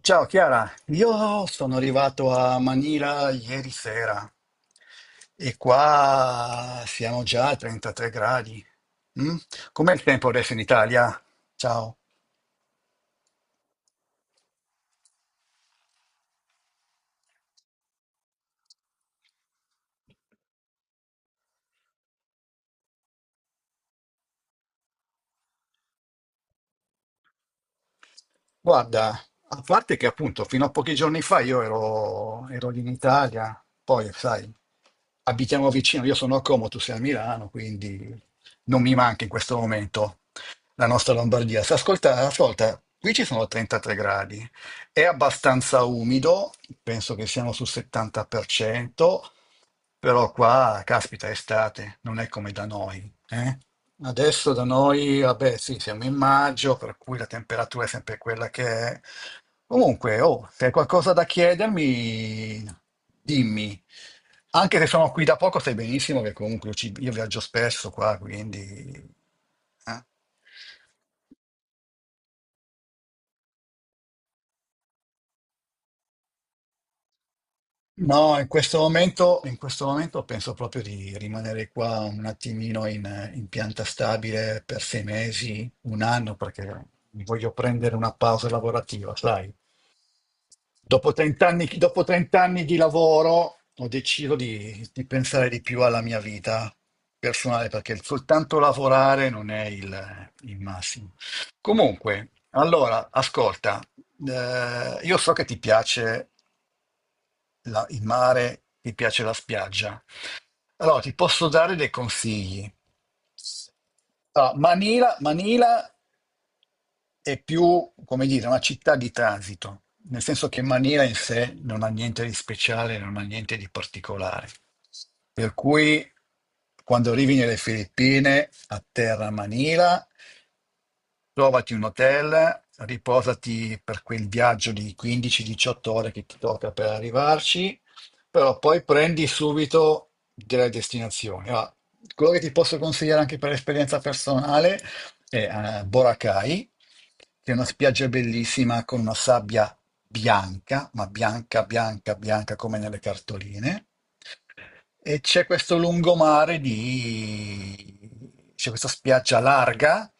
Ciao Chiara, io sono arrivato a Manila ieri sera e qua siamo già a 33 gradi. Mm? Com'è il tempo adesso in Italia? Ciao. Guarda, a parte che appunto fino a pochi giorni fa io ero lì in Italia, poi sai, abitiamo vicino, io sono a Como, tu sei a Milano, quindi non mi manca in questo momento la nostra Lombardia. Se ascolta, qui ci sono 33 gradi, è abbastanza umido, penso che siamo sul 70%, però qua, caspita, è estate, non è come da noi, eh. Adesso da noi, vabbè, sì, siamo in maggio, per cui la temperatura è sempre quella che è. Comunque, oh, se hai qualcosa da chiedermi, dimmi. Anche se sono qui da poco, sai benissimo che comunque io viaggio spesso qua, quindi... eh. No, in questo momento penso proprio di rimanere qua un attimino in pianta stabile per 6 mesi, 1 anno, perché mi voglio prendere una pausa lavorativa, sai. Dopo 30 anni di lavoro ho deciso di pensare di più alla mia vita personale, perché soltanto lavorare non è il massimo. Comunque, allora, ascolta, io so che ti piace il mare, ti piace la spiaggia. Allora, ti posso dare dei consigli. Allora, Manila è più, come dire, una città di transito, nel senso che Manila in sé non ha niente di speciale, non ha niente di particolare. Per cui quando arrivi nelle Filippine, atterra a Manila, trovati un hotel, riposati per quel viaggio di 15-18 ore che ti tocca per arrivarci, però poi prendi subito delle destinazioni. Allora, quello che ti posso consigliare anche per esperienza personale è Boracay, che è una spiaggia bellissima con una sabbia bianca, ma bianca, bianca, bianca come nelle cartoline, e c'è questo lungomare di... c'è questa spiaggia larga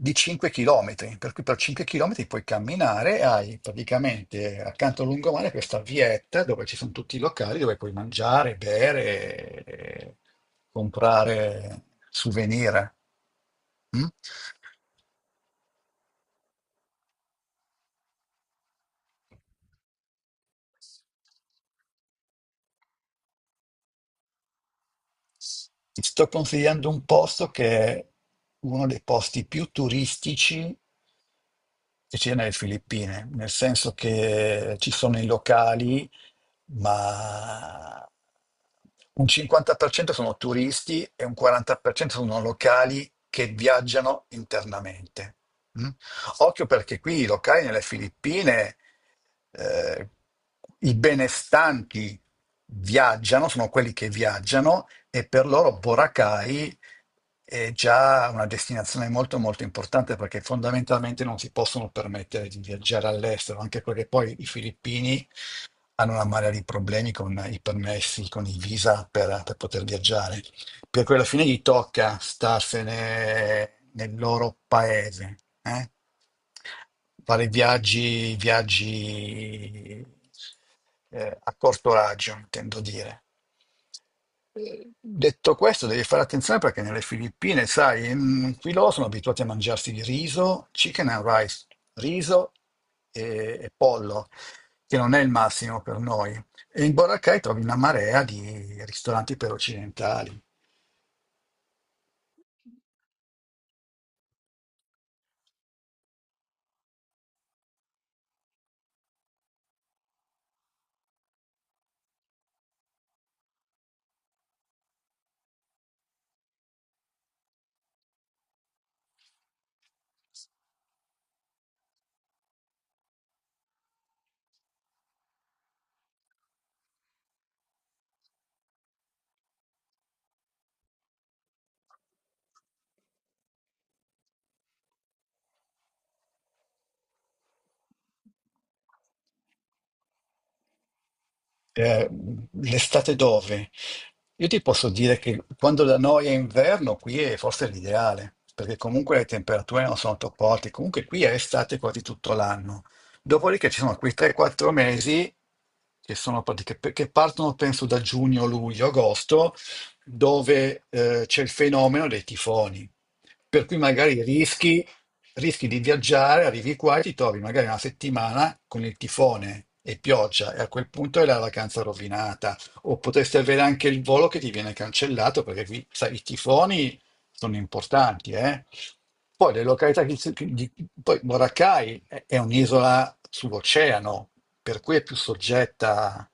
di 5 km, per cui per 5 km puoi camminare e hai praticamente accanto al lungomare questa vietta dove ci sono tutti i locali dove puoi mangiare, bere, e comprare souvenir. Mm? Ti sto consigliando un posto che è uno dei posti più turistici che c'è nelle Filippine, nel senso che ci sono i locali, ma un 50% sono turisti e un 40% sono locali che viaggiano internamente. Mm? Occhio perché qui i locali nelle Filippine, eh, i benestanti viaggiano, sono quelli che viaggiano, e per loro Boracay è già una destinazione molto molto importante perché fondamentalmente non si possono permettere di viaggiare all'estero, anche perché poi i filippini hanno una marea di problemi con i permessi, con i visa per poter viaggiare, per cui alla fine gli tocca starsene nel loro paese, eh? Fare viaggi a corto raggio, intendo dire. Detto questo, devi fare attenzione perché nelle Filippine, sai, qui loro sono abituati a mangiarsi il riso, chicken and rice, riso e pollo, che non è il massimo per noi. E in Boracay trovi una marea di ristoranti per occidentali. Eh, l'estate dove? Io ti posso dire che quando da noi è inverno, qui è forse l'ideale, perché comunque le temperature non sono troppo alte, comunque qui è estate quasi tutto l'anno. Dopodiché ci sono quei 3-4 mesi che, che partono penso da giugno, luglio, agosto, dove c'è il fenomeno dei tifoni. Per cui magari rischi di viaggiare, arrivi qua e ti trovi magari una settimana con il tifone e pioggia e a quel punto è la vacanza rovinata. O potresti avere anche il volo che ti viene cancellato perché qui, sai, i tifoni sono importanti, eh. Poi le località che si- di- poi Boracay è un'isola sull'oceano, per cui è più soggetta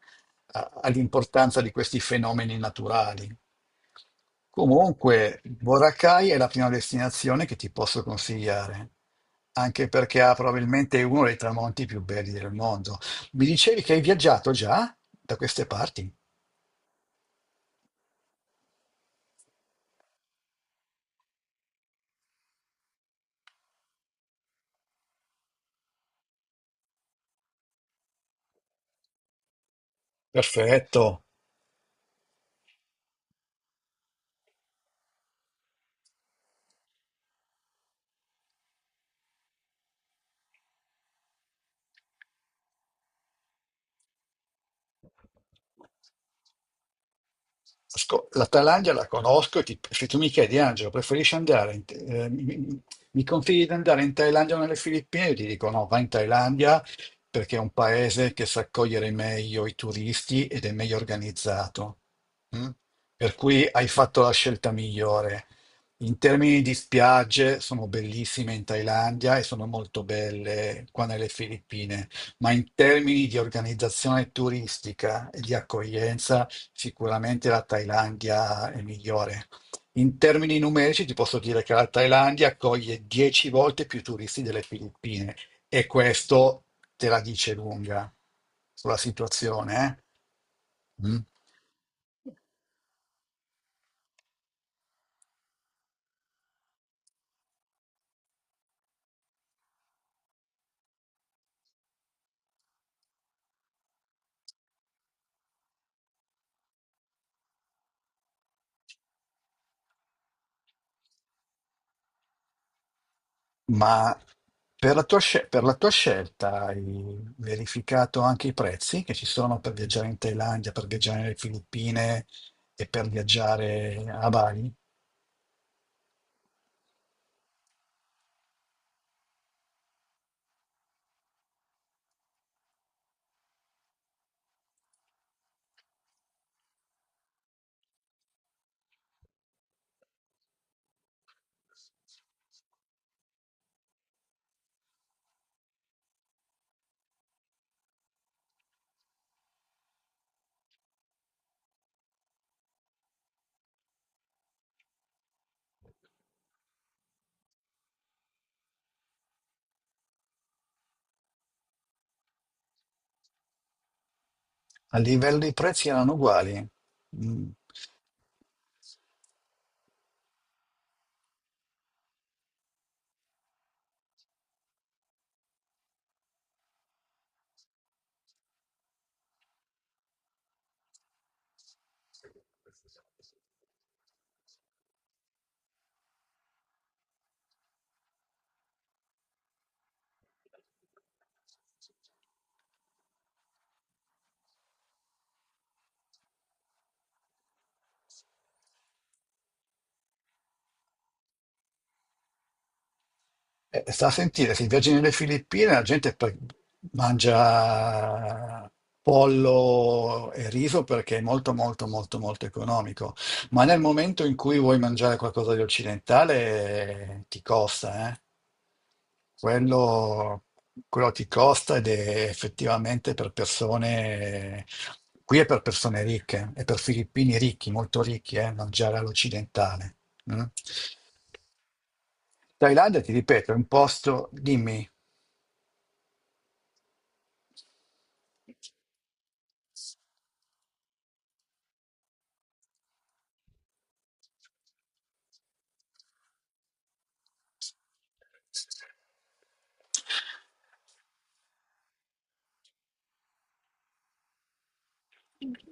all'importanza di questi fenomeni naturali. Comunque, Boracay è la prima destinazione che ti posso consigliare, anche perché ha probabilmente uno dei tramonti più belli del mondo. Mi dicevi che hai viaggiato già da queste parti? Perfetto. La Thailandia la conosco, e se tu mi chiedi, Angelo, preferisci andare, mi consigli di andare in Thailandia o nelle Filippine? Io ti dico no, vai in Thailandia perché è un paese che sa accogliere meglio i turisti ed è meglio organizzato. Mm? Per cui hai fatto la scelta migliore. In termini di spiagge, sono bellissime in Thailandia e sono molto belle qua nelle Filippine, ma in termini di organizzazione turistica e di accoglienza, sicuramente la Thailandia è migliore. In termini numerici ti posso dire che la Thailandia accoglie 10 volte più turisti delle Filippine, e questo te la dice lunga sulla situazione, eh? Mm. Ma per la per la tua scelta hai verificato anche i prezzi che ci sono per viaggiare in Thailandia, per viaggiare nelle Filippine e per viaggiare a Bali? A livello di prezzi erano uguali. Mm. Sta a sentire, se viaggi nelle Filippine la gente mangia pollo e riso perché è molto molto molto molto economico, ma nel momento in cui vuoi mangiare qualcosa di occidentale, ti costa, eh. Quello, quello ti costa ed è effettivamente per persone, qui è per persone ricche, è per filippini ricchi, molto ricchi, mangiare all'occidentale. Mm. Thailandia, ti ripeto, è un posto, dimmi.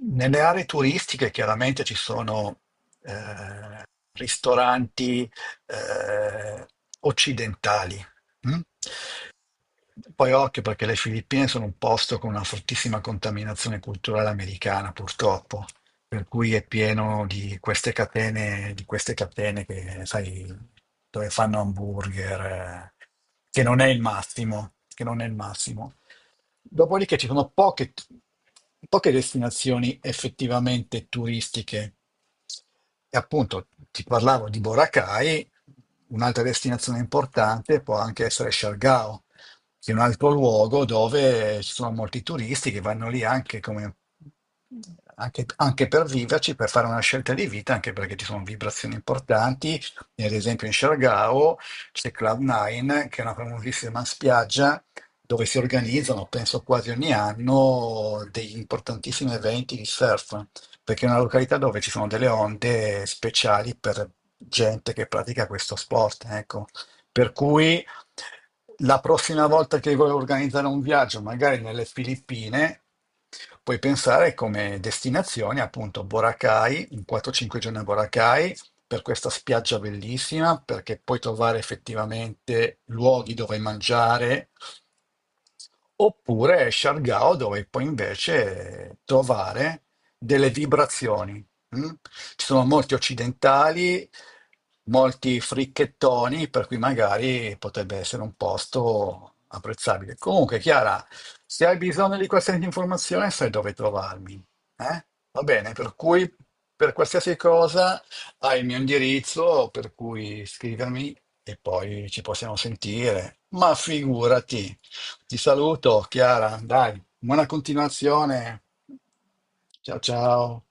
Nelle aree turistiche chiaramente ci sono eh, ristoranti eh, occidentali. Mm? Poi occhio perché le Filippine sono un posto con una fortissima contaminazione culturale americana, purtroppo, per cui è pieno di queste catene che, sai, dove fanno hamburger, che non è il massimo, che non è il massimo. Dopodiché ci sono poche destinazioni effettivamente turistiche. E appunto ti parlavo di Boracay. Un'altra destinazione importante può anche essere Siargao, che è un altro luogo dove ci sono molti turisti che vanno lì anche, anche per viverci, per fare una scelta di vita, anche perché ci sono vibrazioni importanti. E ad esempio in Siargao c'è Cloud9, che è una famosissima spiaggia dove si organizzano, penso quasi ogni anno, degli importantissimi eventi di surf perché è una località dove ci sono delle onde speciali per gente che pratica questo sport, ecco. Per cui la prossima volta che vuoi organizzare un viaggio, magari nelle Filippine, puoi pensare come destinazione appunto Boracay, un 4-5 giorni a Boracay, per questa spiaggia bellissima, perché puoi trovare effettivamente luoghi dove mangiare, oppure Siargao, dove puoi invece trovare delle vibrazioni. Mm? Ci sono molti occidentali, molti fricchettoni, per cui magari potrebbe essere un posto apprezzabile. Comunque, Chiara, se hai bisogno di qualsiasi informazione, sai dove trovarmi, eh? Va bene, per cui per qualsiasi cosa hai il mio indirizzo, per cui scrivermi e poi ci possiamo sentire. Ma figurati. Ti saluto, Chiara, dai. Buona continuazione. Ciao ciao.